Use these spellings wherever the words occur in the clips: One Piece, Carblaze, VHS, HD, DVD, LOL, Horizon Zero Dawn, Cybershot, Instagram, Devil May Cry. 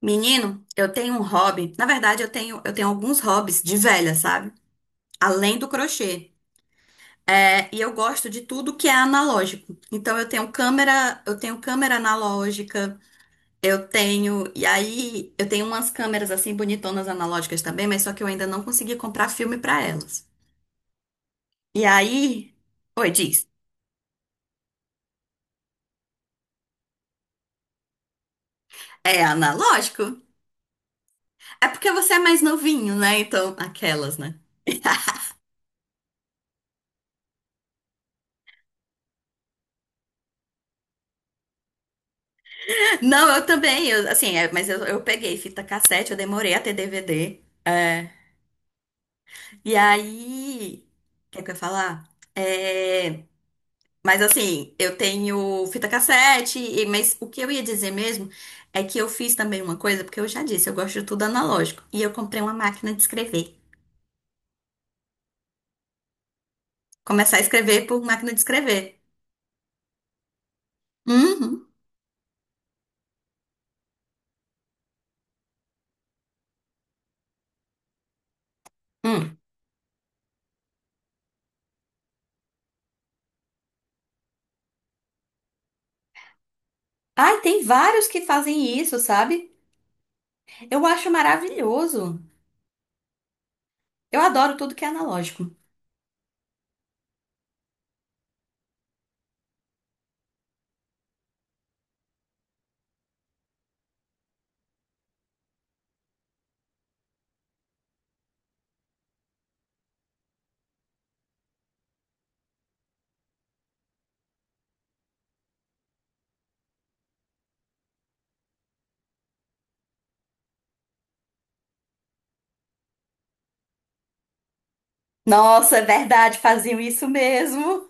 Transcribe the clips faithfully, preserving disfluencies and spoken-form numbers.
Menino, eu tenho um hobby. Na verdade, eu tenho, eu tenho alguns hobbies de velha, sabe? Além do crochê. É, e eu gosto de tudo que é analógico. Então eu tenho câmera, eu tenho câmera analógica, eu tenho, e aí eu tenho umas câmeras assim bonitonas analógicas também, mas só que eu ainda não consegui comprar filme pra elas. E aí, oi, diz, é analógico? É porque você é mais novinho, né? Então, aquelas, né? Não, eu também, eu, assim, é, mas eu, eu peguei fita cassete, eu demorei a ter D V D. É, e aí, o que é que eu ia falar? É, mas assim, eu tenho fita cassete, e- mas o que eu ia dizer mesmo é que eu fiz também uma coisa, porque eu já disse, eu gosto de tudo analógico. E eu comprei uma máquina de escrever. Começar a escrever por máquina de escrever. Uhum. Hum. Ai, tem vários que fazem isso, sabe? Eu acho maravilhoso. Eu adoro tudo que é analógico. Nossa, é verdade, faziam isso mesmo.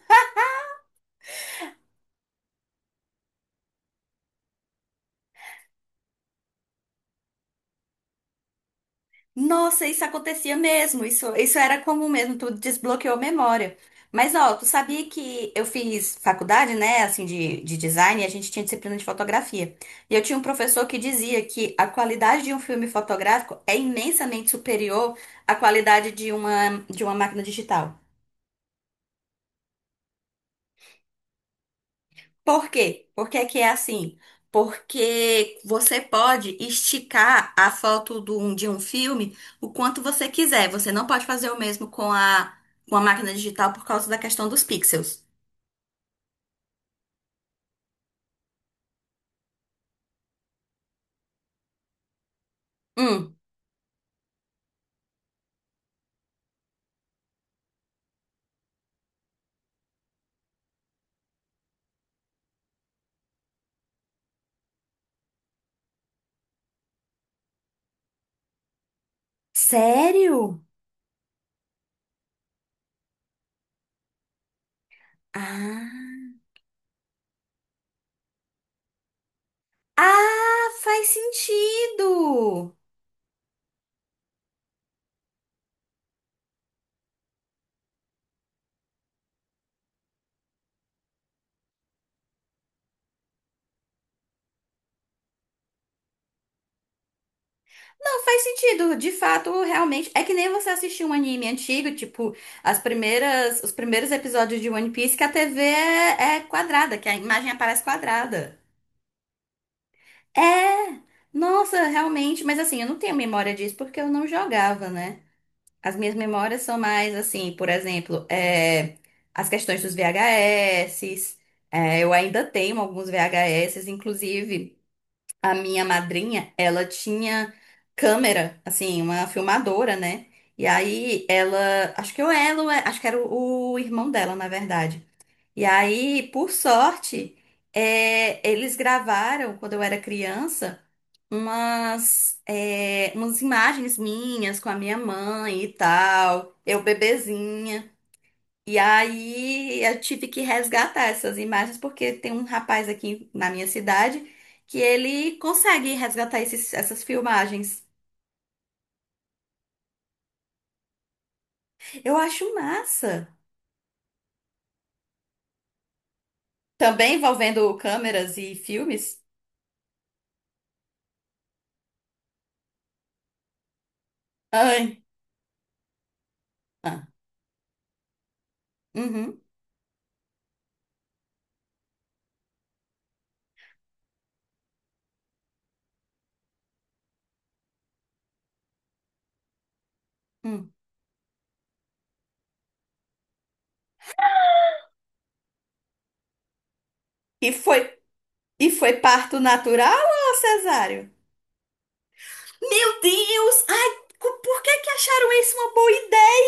Nossa, isso acontecia mesmo. Isso, isso era comum mesmo, tu desbloqueou a memória. Mas ó, tu sabia que eu fiz faculdade, né, assim, de, de design, e a gente tinha disciplina de fotografia. E eu tinha um professor que dizia que a qualidade de um filme fotográfico é imensamente superior à qualidade de uma, de uma máquina digital. Por quê? Por que que é assim? Porque você pode esticar a foto do- um, de um filme o quanto você quiser. Você não pode fazer o mesmo com a, com a máquina digital por causa da questão dos pixels. Hum. Sério? Ah. Ah, faz sentido! Não, faz sentido. De fato, realmente. É que nem você assistir um anime antigo, tipo, as primeiras, os primeiros episódios de One Piece, que a T V é, é quadrada, que a imagem aparece quadrada. É, nossa, realmente, mas assim, eu não tenho memória disso porque eu não jogava, né? As minhas memórias são mais assim, por exemplo, é, as questões dos V H S, é, eu ainda tenho alguns V H S, inclusive a minha madrinha, ela tinha câmera, assim, uma filmadora, né? E aí ela, acho que eu, ela, acho que era o o irmão dela, na verdade. E aí, por sorte, é, eles gravaram, quando eu era criança, umas, é, umas imagens minhas com a minha mãe e tal, eu bebezinha. E aí eu tive que resgatar essas imagens, porque tem um rapaz aqui na minha cidade que ele consegue resgatar esses- essas filmagens. Eu acho massa. Também envolvendo câmeras e filmes. Ai. Ah. Uhum. Hum. E foi, e foi parto natural ou cesáreo? Meu Deus! Ai, co- por que que acharam isso uma boa ideia?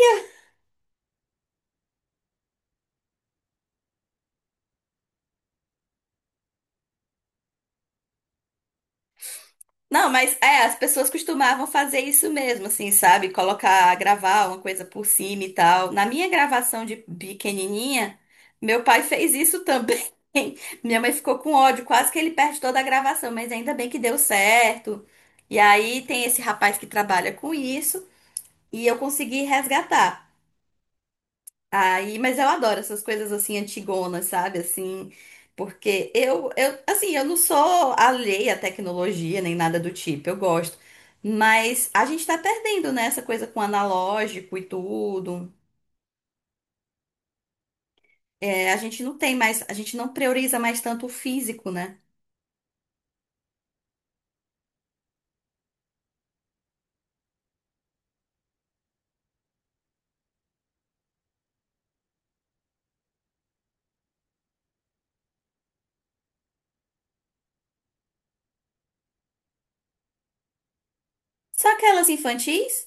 Não, mas é, as pessoas costumavam fazer isso mesmo, assim, sabe? Colocar, gravar uma coisa por cima e tal. Na minha gravação de pequenininha, meu pai fez isso também. Minha mãe ficou com ódio, quase que ele perde toda a gravação, mas ainda bem que deu certo. E aí tem esse rapaz que trabalha com isso e eu consegui resgatar. Aí, mas eu adoro essas coisas assim antigonas, sabe? Assim, porque eu, eu, assim, eu não sou alheia à tecnologia nem nada do tipo, eu gosto. Mas a gente tá perdendo, né, essa coisa com analógico e tudo. É, a gente não tem mais, a gente não prioriza mais tanto o físico, né? Só aquelas infantis?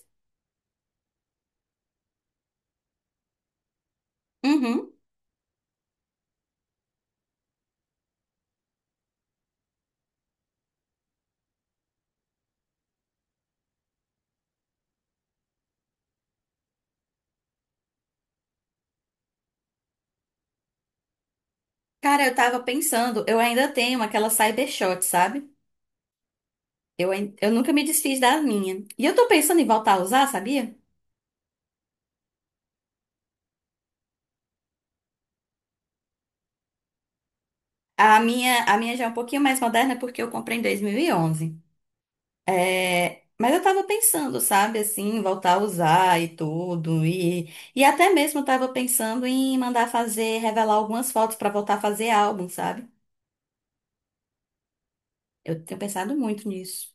Uhum. Cara, eu tava pensando, eu ainda tenho aquela Cybershot, sabe? Eu, ain- eu nunca me desfiz da minha. E eu tô pensando em voltar a usar, sabia? A minha, a minha já é um pouquinho mais moderna porque eu comprei em dois mil e onze. É, mas eu tava pensando, sabe, assim, voltar a usar e tudo. E, e até mesmo eu tava pensando em mandar fazer, revelar algumas fotos pra voltar a fazer álbum, sabe? Eu tenho pensado muito nisso.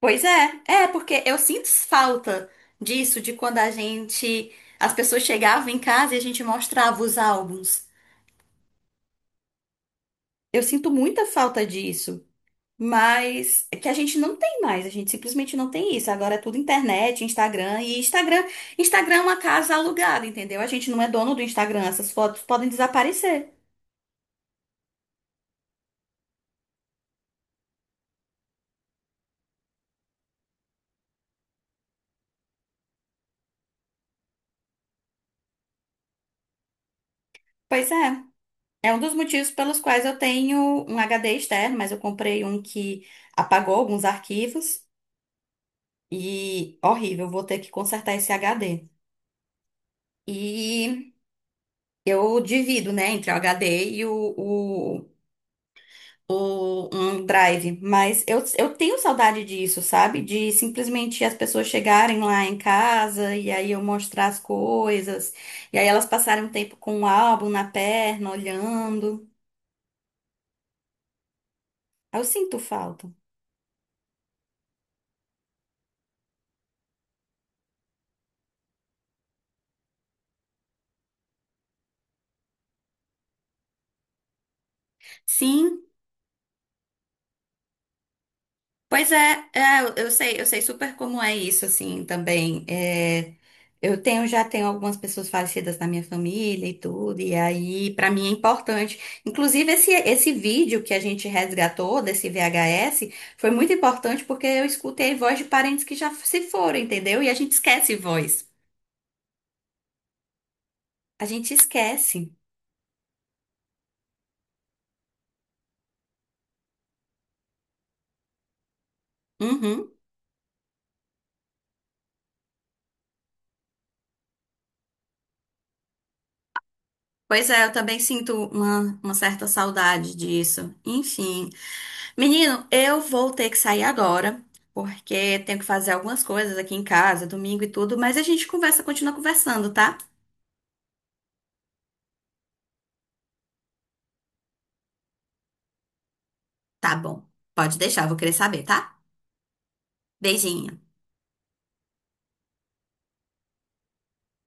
Pois é, é porque eu sinto falta disso, de quando a gente, as pessoas chegavam em casa e a gente mostrava os álbuns. Eu sinto muita falta disso. Mas é que a gente não tem mais, a gente simplesmente não tem isso. Agora é tudo internet, Instagram e Instagram. Instagram é uma casa alugada, entendeu? A gente não é dono do Instagram, essas fotos podem desaparecer. Pois é. É um dos motivos pelos quais eu tenho um H D externo, mas eu comprei um que apagou alguns arquivos e horrível, vou ter que consertar esse H D. E eu divido, né, entre o H D e o, o- um drive, mas eu, eu tenho saudade disso, sabe? De simplesmente as pessoas chegarem lá em casa e aí eu mostrar as coisas, e aí elas passarem um tempo com o álbum na perna, olhando. Eu sinto falta. Sim. Pois é, é, eu eu sei, eu sei super como é isso, assim, também. É, eu tenho, já tenho algumas pessoas falecidas na minha família e tudo, e aí, pra mim é importante. Inclusive, esse, esse vídeo que a gente resgatou desse V H S foi muito importante porque eu escutei voz de parentes que já se foram, entendeu? E a gente esquece voz. A gente esquece. Uhum. Pois é, eu também sinto uma, uma certa saudade disso. Enfim, menino, eu vou ter que sair agora, porque tenho que fazer algumas coisas aqui em casa, domingo e tudo, mas a gente conversa, continua conversando, tá? Tá bom. Pode deixar, vou querer saber, tá? Beijinho.